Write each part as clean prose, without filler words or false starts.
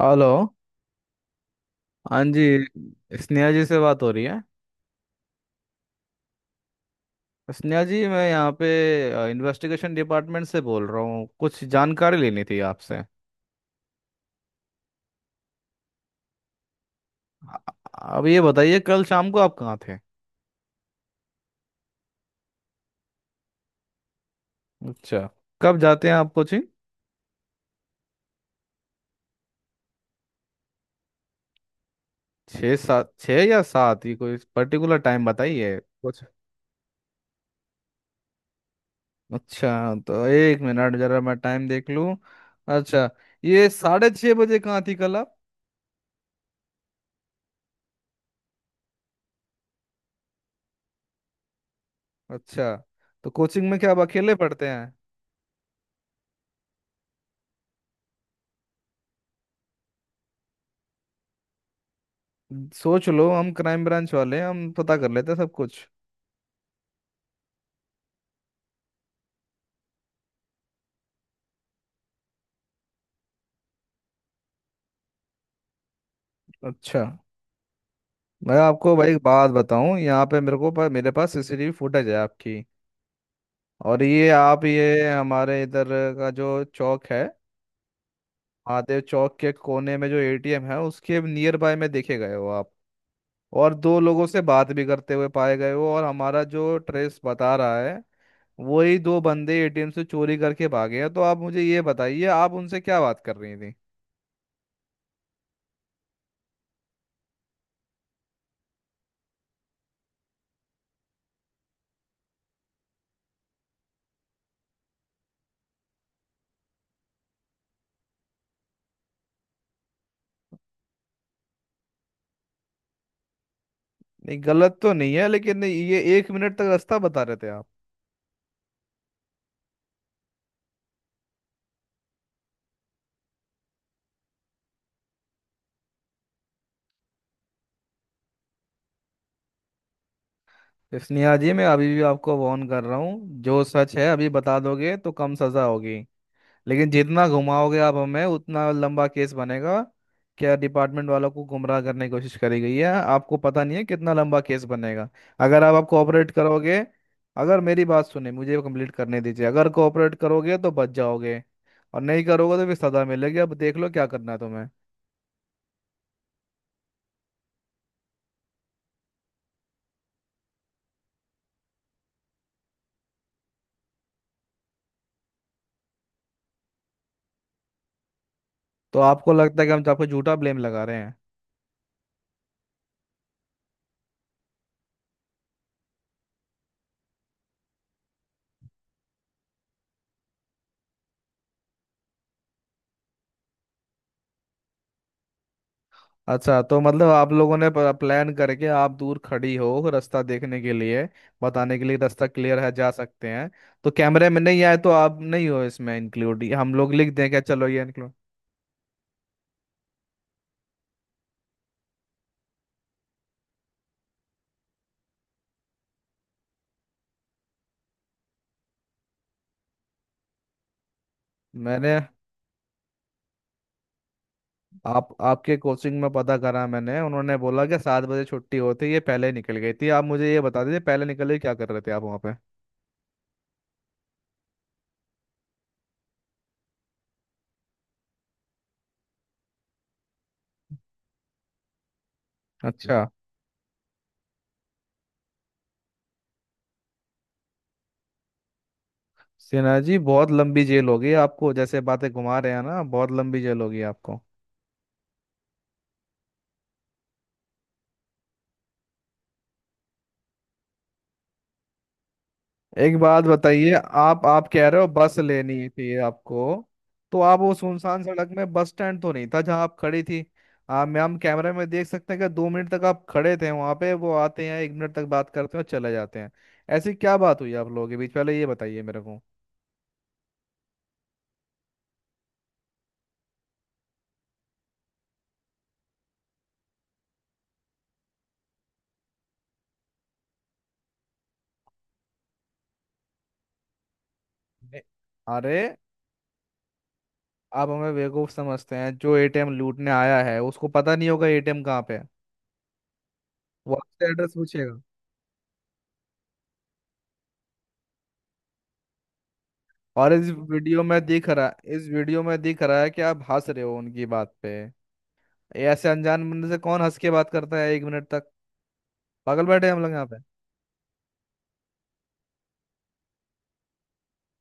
Hello. हाँ जी। स्नेहा जी से बात हो रही है। स्नेहा जी, मैं यहाँ पे इन्वेस्टिगेशन डिपार्टमेंट से बोल रहा हूँ। कुछ जानकारी लेनी थी आपसे। अब ये बताइए कल शाम को आप कहाँ थे। अच्छा। कब जाते हैं आप कोचिंग। छः या सात, ये कोई पर्टिकुलर टाइम बताइए कुछ। अच्छा, तो 1 मिनट जरा मैं टाइम देख लूँ। अच्छा। ये 6:30 बजे कहाँ थी कल आप। अच्छा। तो कोचिंग में क्या आप अकेले पढ़ते हैं। सोच लो हम क्राइम ब्रांच वाले हैं, हम पता कर लेते हैं सब कुछ। अच्छा, मैं आपको भाई एक बात बताऊं। यहाँ पे मेरे को, पर मेरे पास सीसीटीवी फुटेज है आपकी। और ये आप, ये हमारे इधर का जो चौक है, महादेव चौक के कोने में जो एटीएम है उसके नियर बाय में देखे गए हो आप। और दो लोगों से बात भी करते हुए पाए गए हो, और हमारा जो ट्रेस बता रहा है, वही दो बंदे एटीएम से चोरी करके भागे हैं। तो आप मुझे ये बताइए, आप उनसे क्या बात कर रही थी। नहीं, गलत तो नहीं है, लेकिन ये 1 मिनट तक रास्ता बता रहे थे आप। स्नेहा जी, मैं अभी भी आपको वार्न कर रहा हूँ, जो सच है अभी बता दोगे तो कम सजा होगी, लेकिन जितना घुमाओगे आप हमें उतना लंबा केस बनेगा। क्या डिपार्टमेंट वालों को गुमराह करने की कोशिश करी गई है, आपको पता नहीं है कितना लंबा केस बनेगा। अगर आप कोऑपरेट करोगे। अगर मेरी बात सुने, मुझे कंप्लीट करने दीजिए, अगर कोऑपरेट करोगे तो बच जाओगे, और नहीं करोगे तो फिर सजा मिलेगी। अब देख लो क्या करना है तुम्हें। तो आपको लगता है कि हम तो आपको झूठा ब्लेम लगा रहे हैं। अच्छा, तो मतलब आप लोगों ने प्लान करके आप दूर खड़ी हो, रास्ता देखने के लिए, बताने के लिए, रास्ता क्लियर है जा सकते हैं, तो कैमरे में नहीं आए तो आप नहीं हो इसमें इंक्लूड, हम लोग लिख दें क्या, चलो ये इंक्लूड। मैंने आप आपके कोचिंग में पता करा, मैंने उन्होंने बोला कि 7 बजे छुट्टी होती, ये पहले ही निकल गई थी। आप मुझे ये बता दीजिए, पहले निकल के क्या कर रहे थे आप वहाँ पे। अच्छा। सिन्हा जी, बहुत लंबी जेल होगी आपको, जैसे बातें घुमा रहे हैं ना, बहुत लंबी जेल होगी आपको। एक बात बताइए, आप कह रहे हो बस लेनी थी आपको, तो आप वो सुनसान सड़क में, बस स्टैंड तो नहीं था जहां आप खड़ी थी। आप मैं हम कैमरे में देख सकते हैं कि 2 मिनट तक आप खड़े थे वहां पे, वो आते हैं, 1 मिनट तक बात करते हैं और चले जाते हैं। ऐसी क्या बात हुई आप लोगों के बीच, पहले ये बताइए मेरे को। ने- अरे, आप हमें बेवकूफ समझते हैं, जो एटीएम लूटने आया है उसको पता नहीं होगा एटीएम कहाँ पे है, वो आपसे एड्रेस पूछेगा। और इस वीडियो में दिख रहा है कि आप हंस रहे हो उनकी बात पे। ये ऐसे अनजान बंदे से कौन हंस के बात करता है 1 मिनट तक। पागल बैठे हैं हम लोग यहाँ पे।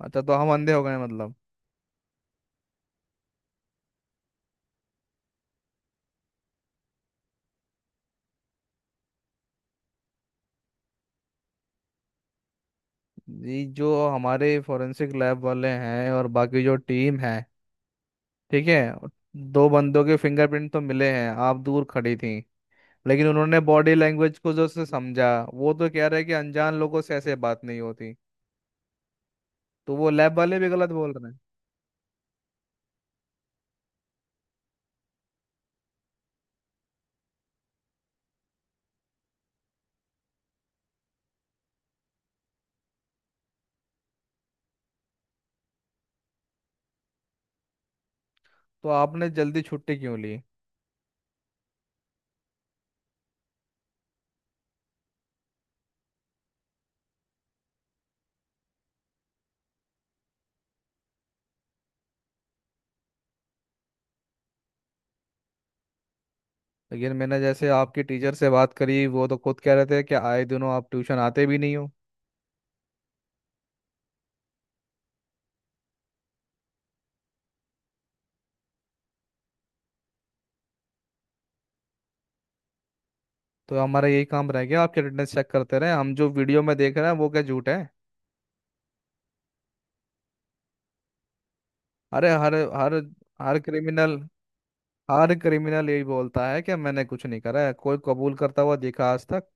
अच्छा, तो हम अंधे हो गए हैं मतलब। ये जो हमारे फोरेंसिक लैब वाले हैं और बाकी जो टीम है, ठीक है, दो बंदों के फिंगरप्रिंट तो मिले हैं, आप दूर खड़ी थी, लेकिन उन्होंने बॉडी लैंग्वेज को जो से समझा, वो तो कह रहे हैं कि अनजान लोगों से ऐसे बात नहीं होती, तो वो लैब वाले भी गलत बोल रहे हैं। तो आपने जल्दी छुट्टी क्यों ली। लेकिन मैंने जैसे आपके टीचर से बात करी, वो तो खुद कह रहे थे कि आए दिनों आप ट्यूशन आते भी नहीं हो। तो हमारा यही काम रह गया आपके अटेंडेंस चेक करते रहे हम, जो वीडियो में देख रहे हैं वो क्या झूठ है। अरे, हर हर हर क्रिमिनल हर क्रिमिनल यही बोलता है कि मैंने कुछ नहीं करा है। कोई कबूल करता हुआ देखा आज तक।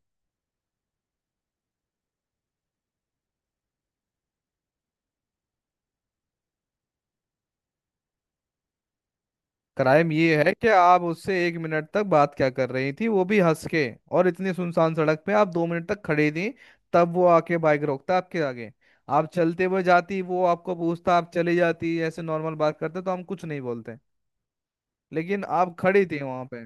क्राइम ये है कि आप उससे 1 मिनट तक बात क्या कर रही थी, वो भी हंस के, और इतनी सुनसान सड़क पे आप 2 मिनट तक खड़ी थी, तब वो आके बाइक रोकता आपके आगे। आप चलते हुए जाती, वो आपको पूछता, आप चली जाती, ऐसे नॉर्मल बात करते तो हम कुछ नहीं बोलते, लेकिन आप खड़ी थी वहां पे।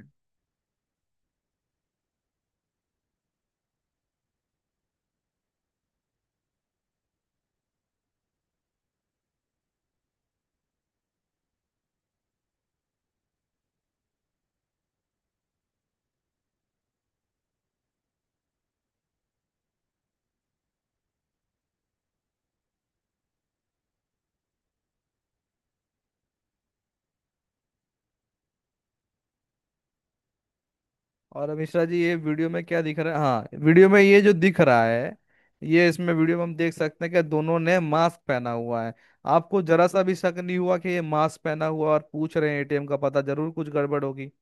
और अब मिश्रा जी, ये वीडियो में क्या दिख रहा है, हाँ, वीडियो में ये जो दिख रहा है, ये इसमें वीडियो में हम देख सकते हैं कि दोनों ने मास्क पहना हुआ है। आपको जरा सा भी शक नहीं हुआ कि ये मास्क पहना हुआ और पूछ रहे हैं एटीएम का पता, जरूर कुछ गड़बड़ होगी।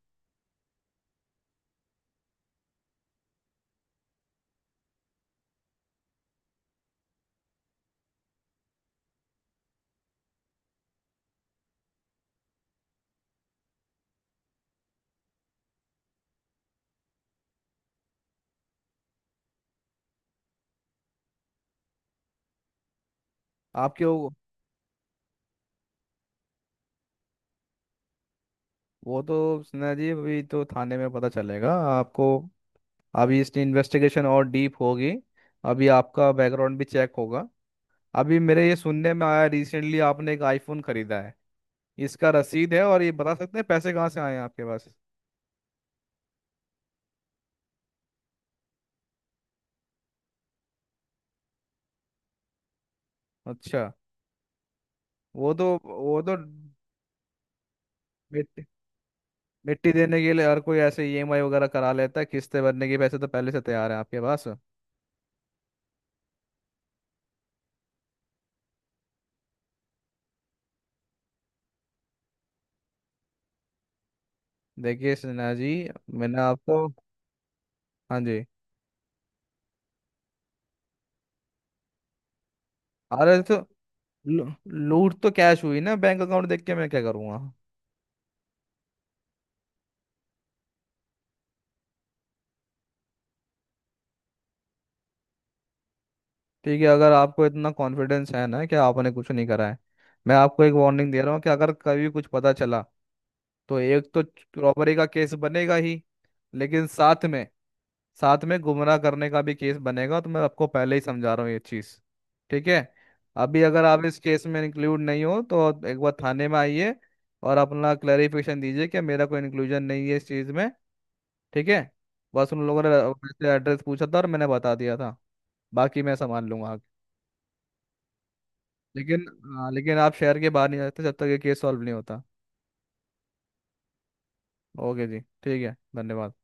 आपके वो तो सिन्हा जी, अभी तो थाने में पता चलेगा आपको। अभी इसकी इन्वेस्टिगेशन और डीप होगी। अभी आपका बैकग्राउंड भी चेक होगा। अभी मेरे ये सुनने में आया, रिसेंटली आपने एक आईफोन खरीदा है, इसका रसीद है, और ये बता सकते हैं पैसे कहाँ से आए हैं आपके पास। अच्छा। वो तो मिट्टी मिट्टी देने के लिए हर कोई ऐसे ईएमआई वगैरह करा लेता है, किस्तें भरने के पैसे तो पहले से तैयार है आपके पास। देखिए सिन्हा जी, मैंने आपको, हाँ जी, अरे तो लू- लूट तो कैश हुई ना, बैंक अकाउंट देख के मैं क्या करूँगा। ठीक है, अगर आपको इतना कॉन्फिडेंस है ना कि आपने कुछ नहीं करा है, मैं आपको एक वार्निंग दे रहा हूँ कि अगर कभी कुछ पता चला, तो एक तो रॉबरी का केस बनेगा ही, लेकिन साथ में गुमराह करने का भी केस बनेगा, तो मैं आपको पहले ही समझा रहा हूँ ये चीज़, ठीक है। अभी अगर आप इस केस में इंक्लूड नहीं हो तो एक बार थाने में आइए, और अपना क्लैरिफिकेशन दीजिए कि मेरा कोई इंक्लूजन नहीं है इस चीज़ में, ठीक है। बस उन लोगों ने एड्रेस पूछा था और मैंने बता दिया था, बाकी मैं संभाल लूंगा आगे। लेकिन, हाँ, लेकिन आप शहर के बाहर नहीं जाते जब तक ये केस सॉल्व नहीं होता। ओके जी, ठीक है, धन्यवाद।